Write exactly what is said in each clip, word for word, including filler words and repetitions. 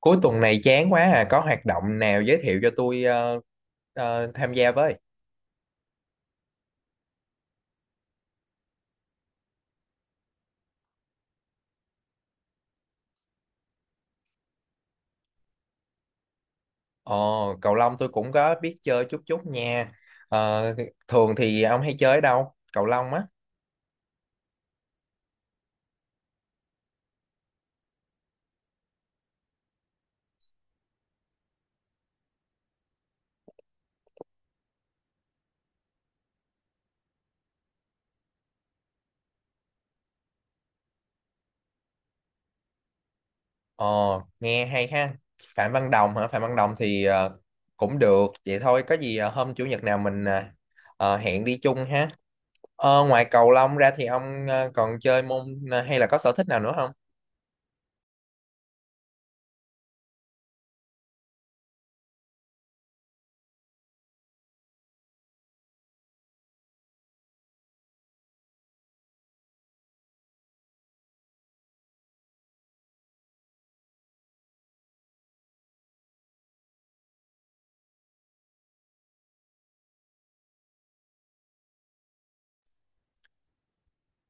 Cuối tuần này chán quá à, có hoạt động nào giới thiệu cho tôi ờ, ờ, tham gia với? Ồ, cầu lông tôi cũng có biết chơi chút chút nha. Ờ, Thường thì ông hay chơi ở đâu? Cầu lông á. Ồ, nghe hay ha. Phạm Văn Đồng hả? Phạm Văn Đồng thì ờ, cũng được. Vậy thôi, có gì ờ, hôm chủ nhật nào mình ờ, ờ, hẹn đi chung ha. Ờ, ngoài cầu lông ra thì ông ờ, còn chơi môn ờ, hay là có sở thích nào nữa không?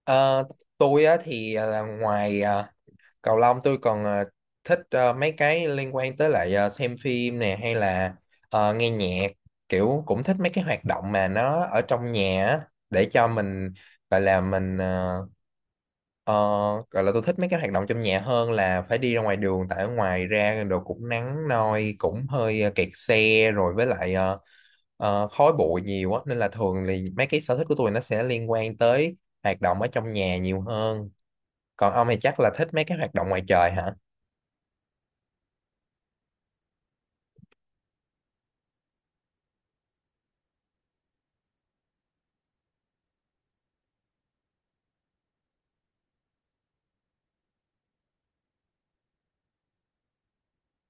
Ờ, tôi á, thì ờ, là ngoài ờ, cầu lông tôi còn ờ, thích ờ, mấy cái liên quan tới lại ờ, xem phim nè hay là ờ, nghe nhạc kiểu cũng thích mấy cái hoạt động mà nó ở trong nhà á, để cho mình gọi là mình ờ, ờ, gọi là tôi thích mấy cái hoạt động trong nhà hơn là phải đi ra ngoài đường tại ở ngoài ra đồ cũng nắng nôi cũng hơi ờ, kẹt xe rồi với lại ờ, ờ, khói bụi nhiều á nên là thường thì mấy cái sở thích của tôi nó sẽ liên quan tới hoạt động ở trong nhà nhiều hơn, còn ông thì chắc là thích mấy cái hoạt động ngoài trời hả?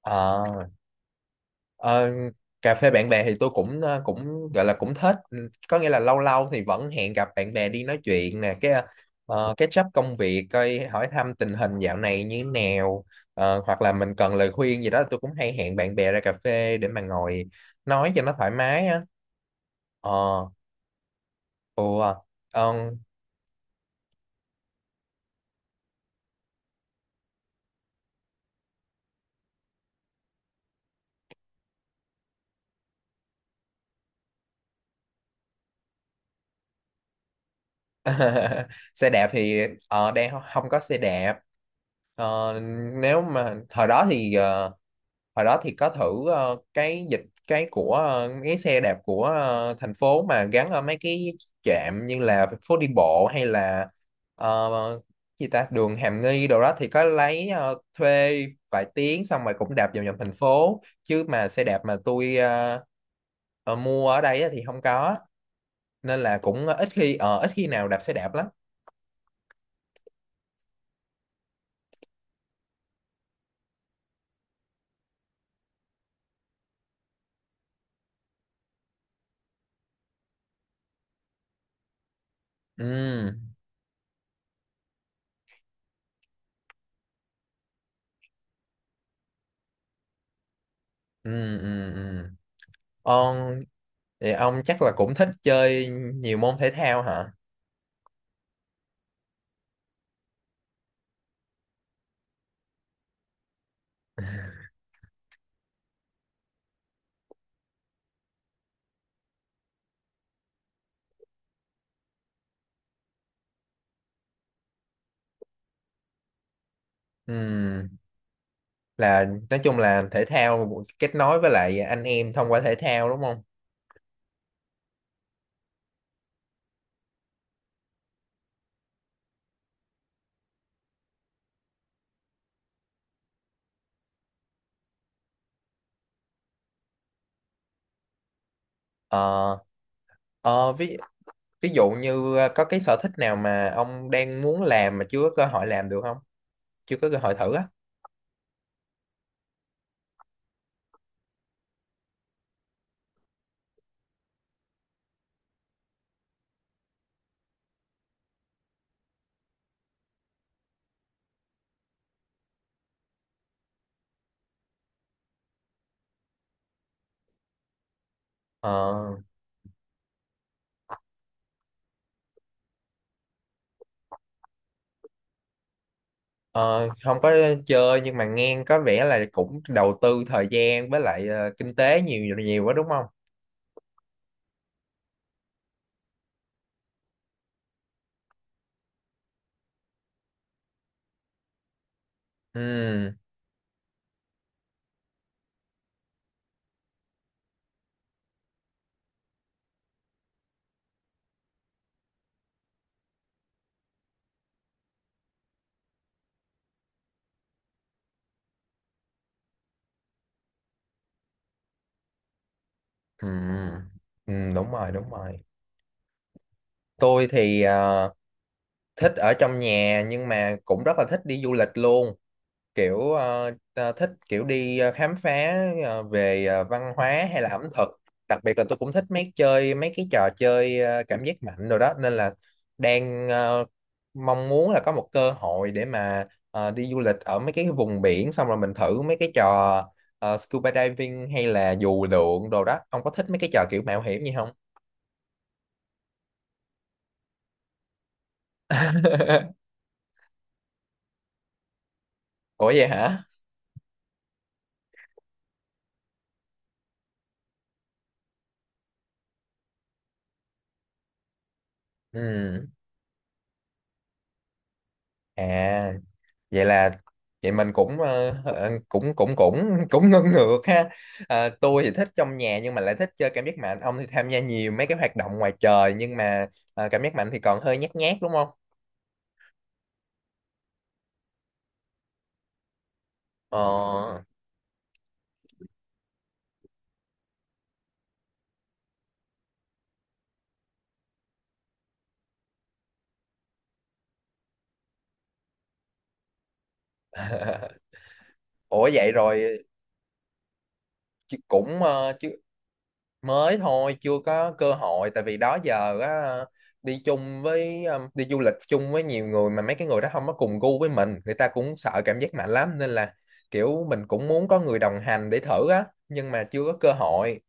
Ờ, ờ, Cà phê bạn bè thì tôi cũng ờ, cũng gọi là cũng thích. Ừ, có nghĩa là lâu lâu thì vẫn hẹn gặp bạn bè đi nói chuyện nè cái uh, catch up công việc coi hỏi thăm tình hình dạo này như nào. Ờ, hoặc là mình cần lời khuyên gì đó tôi cũng hay hẹn bạn bè ra cà phê để mà ngồi nói cho nó thoải mái á. ờ ủa, ờ, Xe đạp thì ờ, đang không có xe đạp. Ờ, nếu mà thời đó thì ờ, hồi đó thì có thử ờ, cái dịch cái của ờ, cái xe đạp của ờ, thành phố mà gắn ở mấy cái trạm như là phố đi bộ hay là ờ, gì ta đường Hàm Nghi đồ đó thì có lấy ờ, thuê vài tiếng xong rồi cũng đạp vòng vòng thành phố, chứ mà xe đạp mà tôi ờ, ờ, mua ở đây á thì không có nên là cũng ít khi ờ, ít khi nào đạp xe đạp lắm. ừ ừ ừ ừ ông thì ông chắc là cũng thích chơi nhiều môn thể thao hả? Ừ, là nói chung là thể thao kết nối với lại anh em thông qua thể thao đúng không? Ờ, ờ, ví ví dụ như ờ, có cái sở thích nào mà ông đang muốn làm mà chưa có cơ hội làm được không? Chưa có cơ hội thử á? Ờ, ờ, Không có chơi nhưng mà nghe có vẻ là cũng đầu tư thời gian với lại ờ, kinh tế nhiều nhiều quá đúng không? Ừ, ừ, ừ, Đúng rồi, đúng rồi. Tôi thì ờ, thích ở trong nhà nhưng mà cũng rất là thích đi du lịch luôn. Kiểu ờ, ta thích kiểu đi ờ, khám phá ờ, về ờ, văn hóa hay là ẩm thực, đặc biệt là tôi cũng thích mấy chơi mấy cái trò chơi ờ, cảm giác mạnh rồi đó nên là đang ờ, mong muốn là có một cơ hội để mà ờ, đi du lịch ở mấy cái vùng biển xong rồi mình thử mấy cái trò ờ, scuba diving hay là dù lượn đồ đó. Ông có thích mấy cái trò kiểu mạo hiểm gì không? Ủa vậy hả? Ừ, à, vậy là vậy mình cũng ờ, ờ, cũng cũng cũng cũng ngưng ngược ha. Ờ, tôi thì thích trong nhà nhưng mà lại thích chơi cảm giác mạnh, ông thì tham gia nhiều mấy cái hoạt động ngoài trời nhưng mà ờ, cảm giác mạnh thì còn hơi nhát nhát đúng không? Ờ Ủa vậy rồi chứ cũng ờ, chứ mới thôi chưa có cơ hội, tại vì đó giờ á đi chung với um, đi du lịch chung với nhiều người mà mấy cái người đó không có cùng gu với mình, người ta cũng sợ cảm giác mạnh lắm nên là kiểu mình cũng muốn có người đồng hành để thử á nhưng mà chưa có cơ hội.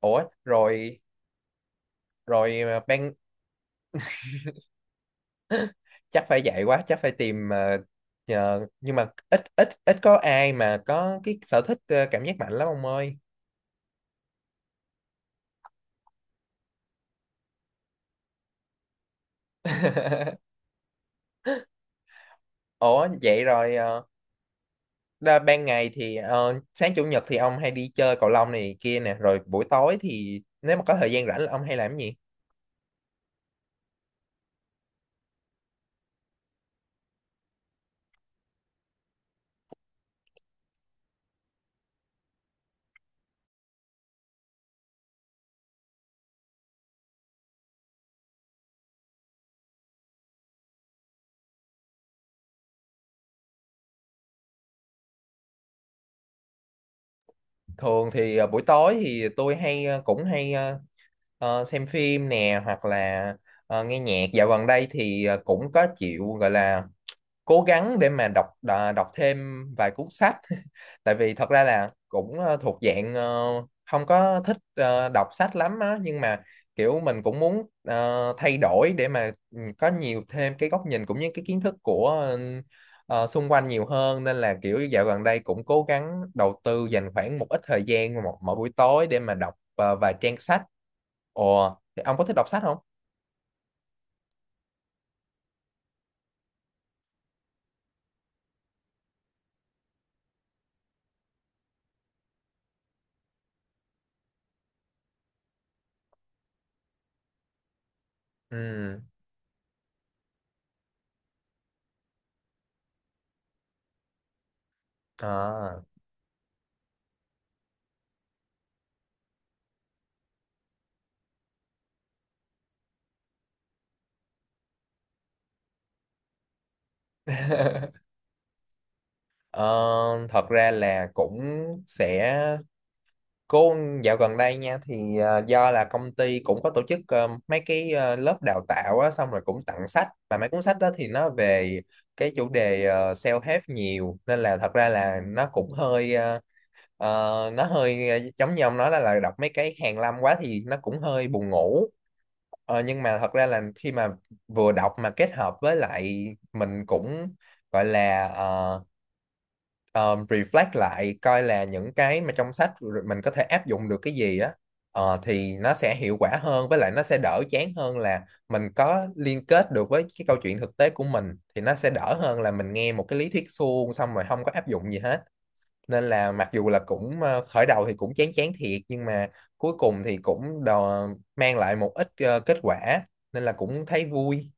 Ủa rồi rồi à, ban chắc phải vậy quá chắc phải tìm à, nhờ- nhưng mà ít ít ít có ai mà có cái sở thích à, cảm giác mạnh lắm ông ơi. Ủa vậy rồi ờ, ra ban ngày thì ờ, sáng chủ nhật thì ông hay đi chơi cầu lông này kia nè rồi buổi tối thì nếu mà có thời gian rảnh là ông hay làm cái gì? Thường thì ờ, buổi tối thì tôi hay ờ, cũng hay ờ, ờ, xem phim nè hoặc là ờ, nghe nhạc, dạo gần đây thì ờ, cũng có chịu gọi là cố gắng để mà đọc đà- đọc thêm vài cuốn sách tại vì thật ra là cũng ờ, thuộc dạng ờ, không có thích ờ, đọc sách lắm á nhưng mà kiểu mình cũng muốn ờ, thay đổi để mà ừ, có nhiều thêm cái góc nhìn cũng như cái kiến thức của ờ, ờ, xung quanh nhiều hơn, nên là kiểu dạo gần đây cũng cố gắng đầu tư dành khoảng một ít thời gian mỗi, mỗi buổi tối để mà đọc ờ, vài trang sách. Ồ, thì ông có thích đọc sách không? Ừ. À, ờ, Thật ra là cũng sẽ Cô dạo gần đây nha thì ờ, do là công ty cũng có tổ chức ờ, mấy cái ờ, lớp đào tạo á, xong rồi cũng tặng sách và mấy cuốn sách đó thì nó về cái chủ đề ờ, self-help nhiều nên là thật ra là nó cũng hơi ờ, ờ, nó hơi ờ, giống như ông nói là, là đọc mấy cái hàn lâm quá thì nó cũng hơi buồn ngủ. Ờ, nhưng mà thật ra là khi mà vừa đọc mà kết hợp với lại mình cũng gọi là ờ, um, reflect lại coi là những cái mà trong sách rồi mình có thể áp dụng được cái gì á, ờ, thì nó sẽ hiệu quả hơn với lại nó sẽ đỡ chán hơn là mình có liên kết được với cái câu chuyện thực tế của mình thì nó sẽ đỡ hơn là mình nghe một cái lý thuyết suông xong rồi không có áp dụng gì hết. Nên là mặc dù là cũng ờ, khởi đầu thì cũng chán chán thiệt nhưng mà cuối cùng thì cũng đò, mang lại một ít ờ, kết quả nên là cũng thấy vui.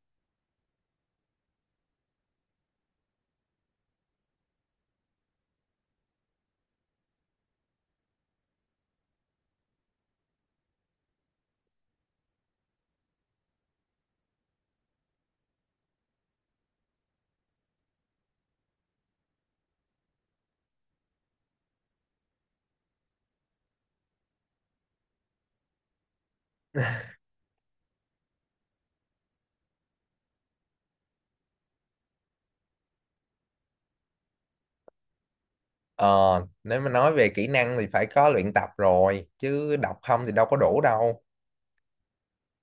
Ờ, nếu mà nói về kỹ năng thì phải có luyện tập rồi chứ đọc không thì đâu có đủ đâu.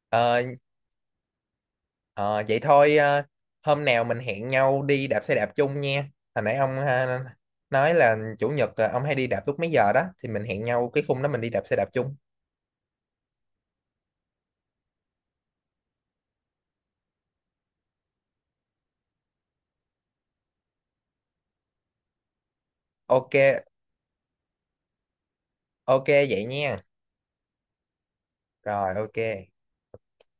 Ờ, ờ, Vậy thôi ờ, hôm nào mình hẹn nhau đi đạp xe đạp chung nha. Hồi nãy ông ha, nói là chủ nhật ờ, ông hay đi đạp lúc mấy giờ đó thì mình hẹn nhau cái khung đó mình đi đạp xe đạp chung. Ok, ok vậy nha. Rồi ok.